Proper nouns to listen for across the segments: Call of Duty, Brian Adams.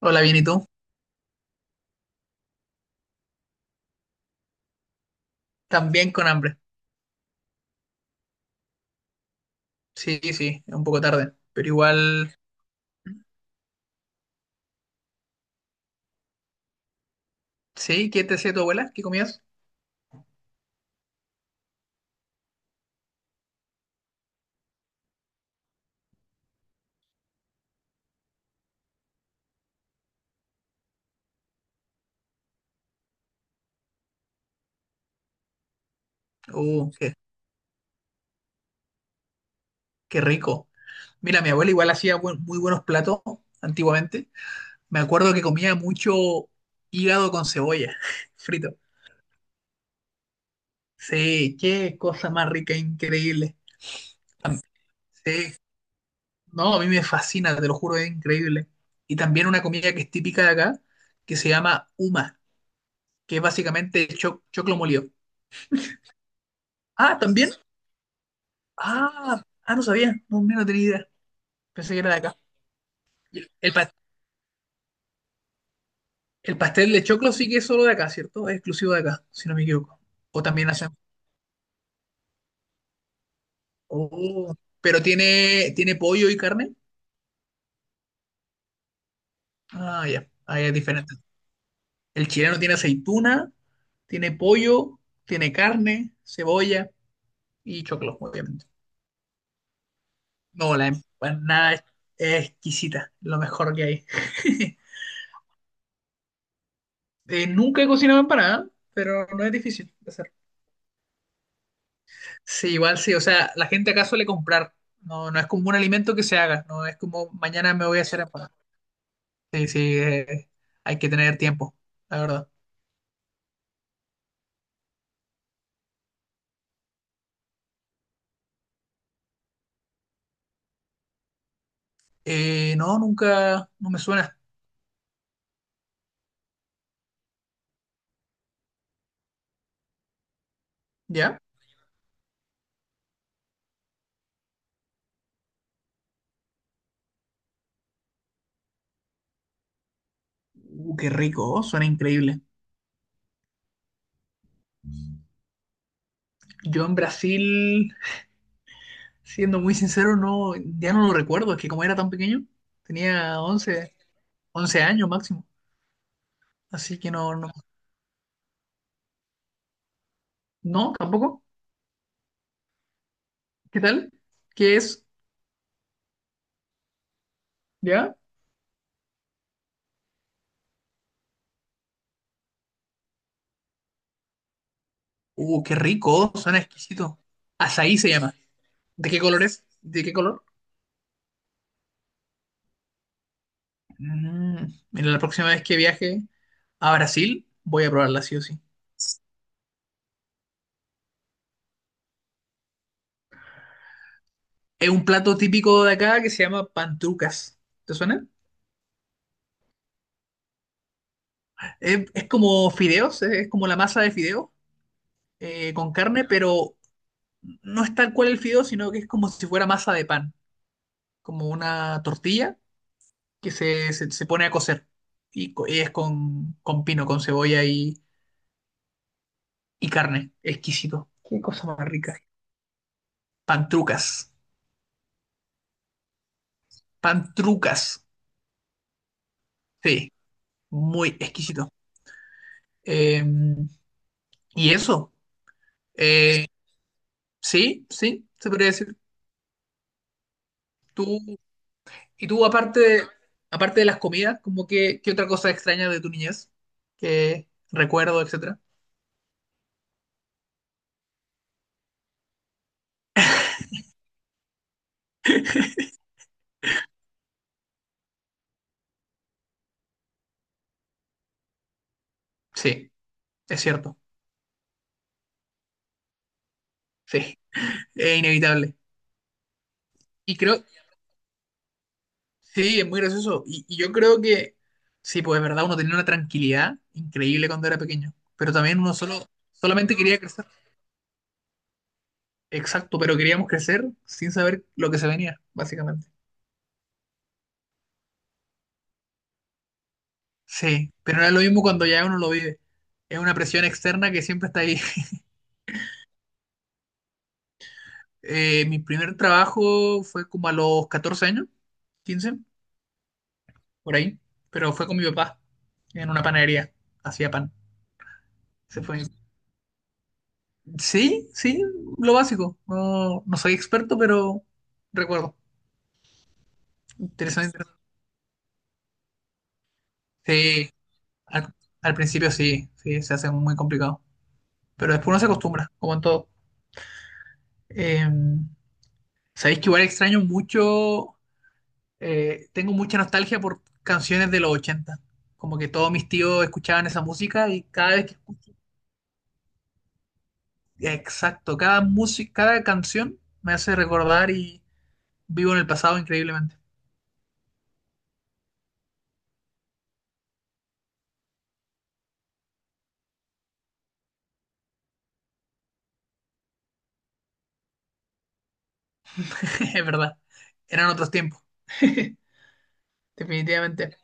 Hola, bien, ¿y tú? También con hambre. Sí, sí, es un poco tarde, pero igual, sí, ¿qué te hacía tu abuela? ¿Qué comías? Uh, qué, qué rico. Mira, mi abuela igual hacía muy buenos platos antiguamente. Me acuerdo que comía mucho hígado con cebolla, frito. Sí, qué cosa más rica, increíble. Am- Sí, no, a mí me fascina, te lo juro, es increíble. Y también una comida que es típica de acá, que se llama uma, que es básicamente choclo molido. Ah, ¿también? Ah, no sabía. No, mira, no tenía idea. Pensé que era de acá. Y el pastel de choclo sí que es solo de acá, ¿cierto? Es exclusivo de acá, si no me equivoco. O también hacen. Oh, pero tiene pollo y carne. Ah, ya. Ahí es diferente. El chileno tiene aceituna, tiene pollo, tiene carne, cebolla y choclo, obviamente. No, la empanada es exquisita, lo mejor que hay. Nunca he cocinado empanada, pero no es difícil de hacer. Sí, igual sí, o sea, la gente acá suele comprar, no, no es como un alimento que se haga, no es como mañana me voy a hacer empanada. Sí, sí, hay que tener tiempo, la verdad. No, nunca, no me suena, ¿ya? Qué rico, oh, suena increíble. Yo en Brasil, siendo muy sincero, no, ya no lo recuerdo, es que como era tan pequeño, tenía once años máximo, así que no, no, no, tampoco. ¿Qué tal? ¿Qué es? ¿Ya? Qué rico, oh, suena exquisito. Açaí se llama. ¿De qué color es? ¿De qué color? Mm, mira, la próxima vez que viaje a Brasil, voy a probarla sí o sí. Es un plato típico de acá que se llama pantrucas. ¿Te suena? Es como fideos, como la masa de fideos con carne, pero no es tal cual el fideo, sino que es como si fuera masa de pan, como una tortilla que se pone a cocer. Y es con pino, con cebolla y carne. Exquisito. Qué cosa más rica. Pantrucas. Pantrucas. Sí, muy exquisito. Eh, y eso, eh, sí, sí, se podría decir. Tú, y tú, aparte de las comidas, como que, ¿qué otra cosa extraña de tu niñez? Que recuerdo, etcétera. Sí, es cierto, sí, es inevitable. Y creo, sí, es muy gracioso. Y yo creo que, sí, pues es verdad, uno tenía una tranquilidad increíble cuando era pequeño, pero también uno solamente quería crecer. Exacto, pero queríamos crecer sin saber lo que se venía, básicamente. Sí, pero no es lo mismo cuando ya uno lo vive. Es una presión externa que siempre está ahí. Mi primer trabajo fue como a los 14 años, 15, por ahí, pero fue con mi papá en una panadería. Hacía pan. Se fue. Sí, sí, lo básico. No, no soy experto, pero recuerdo. Interesante. Sí, al, al principio sí, sí, se hace muy complicado. Pero después uno se acostumbra, como en todo. Eh, sabéis que igual extraño mucho tengo mucha nostalgia por canciones de los ochenta. Como que todos mis tíos escuchaban esa música y cada vez que escucho, exacto, cada canción me hace recordar y vivo en el pasado increíblemente. Es verdad, eran otros tiempos, definitivamente.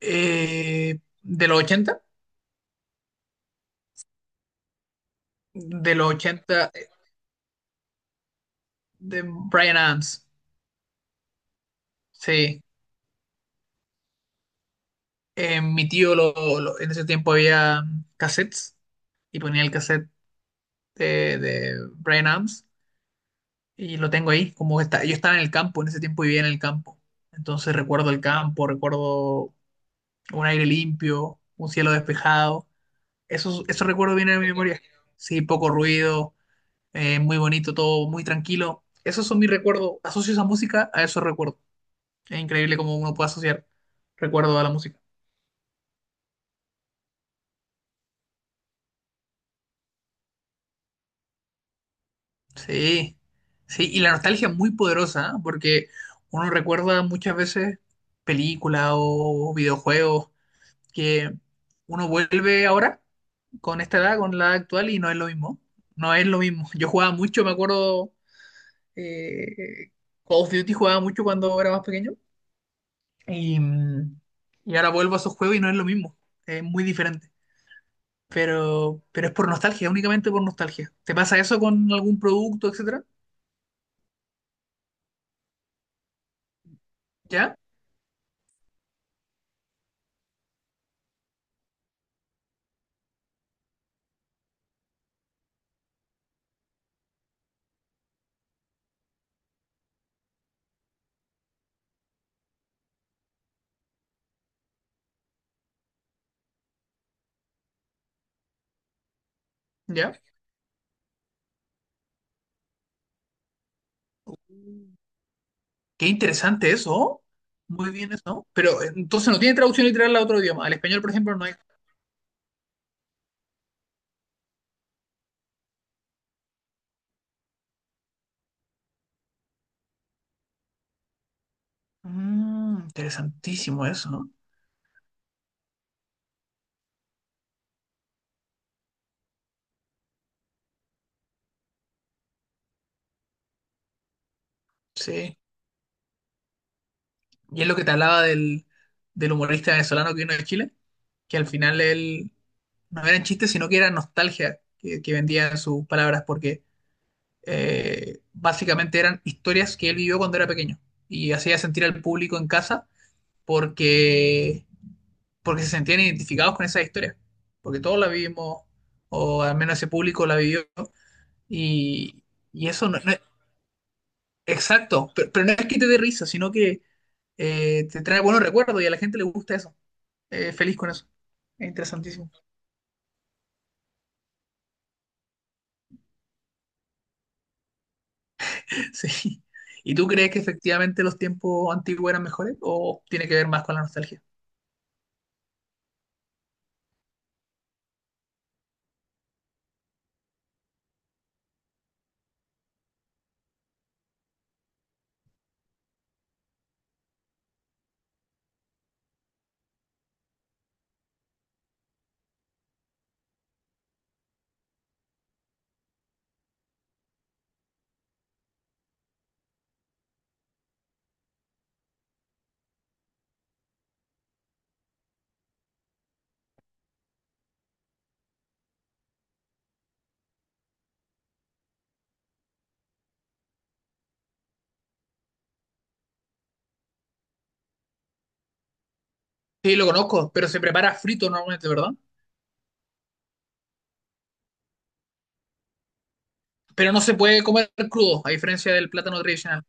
De los ochenta, de los 80 eh, de Brian Adams, sí. Mi tío en ese tiempo había cassettes y ponía el cassette de Brian Adams. Y lo tengo ahí, como que está, yo estaba en el campo, en ese tiempo vivía en el campo. Entonces recuerdo el campo, recuerdo un aire limpio, un cielo despejado. Esos recuerdos vienen a mi memoria. Sí, poco ruido, muy bonito todo, muy tranquilo. Esos son mis recuerdos. Asocio esa música a esos recuerdos. Es increíble cómo uno puede asociar recuerdos a la música. Sí, sí, y la nostalgia es muy poderosa, ¿eh? Porque uno recuerda muchas veces películas o videojuegos que uno vuelve ahora con esta edad, con la edad actual, y no es lo mismo. No es lo mismo. Yo jugaba mucho, me acuerdo, eh, Call of Duty jugaba mucho cuando era más pequeño, y, mm, y ahora vuelvo a esos juegos y no es lo mismo. Es muy diferente. Pero es por nostalgia, únicamente por nostalgia. ¿Te pasa eso con algún producto, etcétera? ¿Ya? ¿Ya? Qué interesante eso. Muy bien eso. Pero entonces no tiene traducción literal a otro idioma. Al español, por ejemplo, no hay. Interesantísimo eso, ¿no? Sí, y es lo que te hablaba del humorista venezolano que vino de Chile, que al final él no eran chistes, sino que era nostalgia que vendía en sus palabras, porque básicamente eran historias que él vivió cuando era pequeño y hacía sentir al público en casa porque, porque se sentían identificados con esas historias, porque todos la vivimos, o al menos ese público la vivió, y, y eso no es exacto, pero no es que te dé risa, sino que te trae buenos recuerdos y a la gente le gusta eso. Feliz con eso. Es interesantísimo. Sí. ¿Y tú crees que efectivamente los tiempos antiguos eran mejores o tiene que ver más con la nostalgia? Sí, lo conozco, pero se prepara frito normalmente, ¿verdad? Pero no se puede comer crudo, a diferencia del plátano tradicional.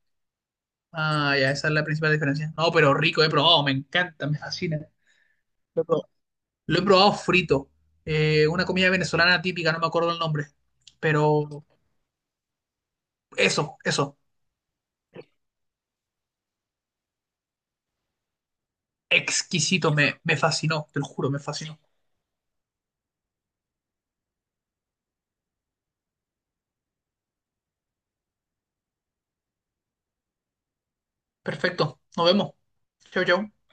Ah, ya, esa es la principal diferencia. No, pero rico, he probado, me encanta, me fascina. Lo he probado, Lo he probado frito. Una comida venezolana típica, no me acuerdo el nombre. Pero eso, eso. Exquisito, me fascinó, te lo juro, me fascinó. Perfecto, nos vemos. Chau, chau.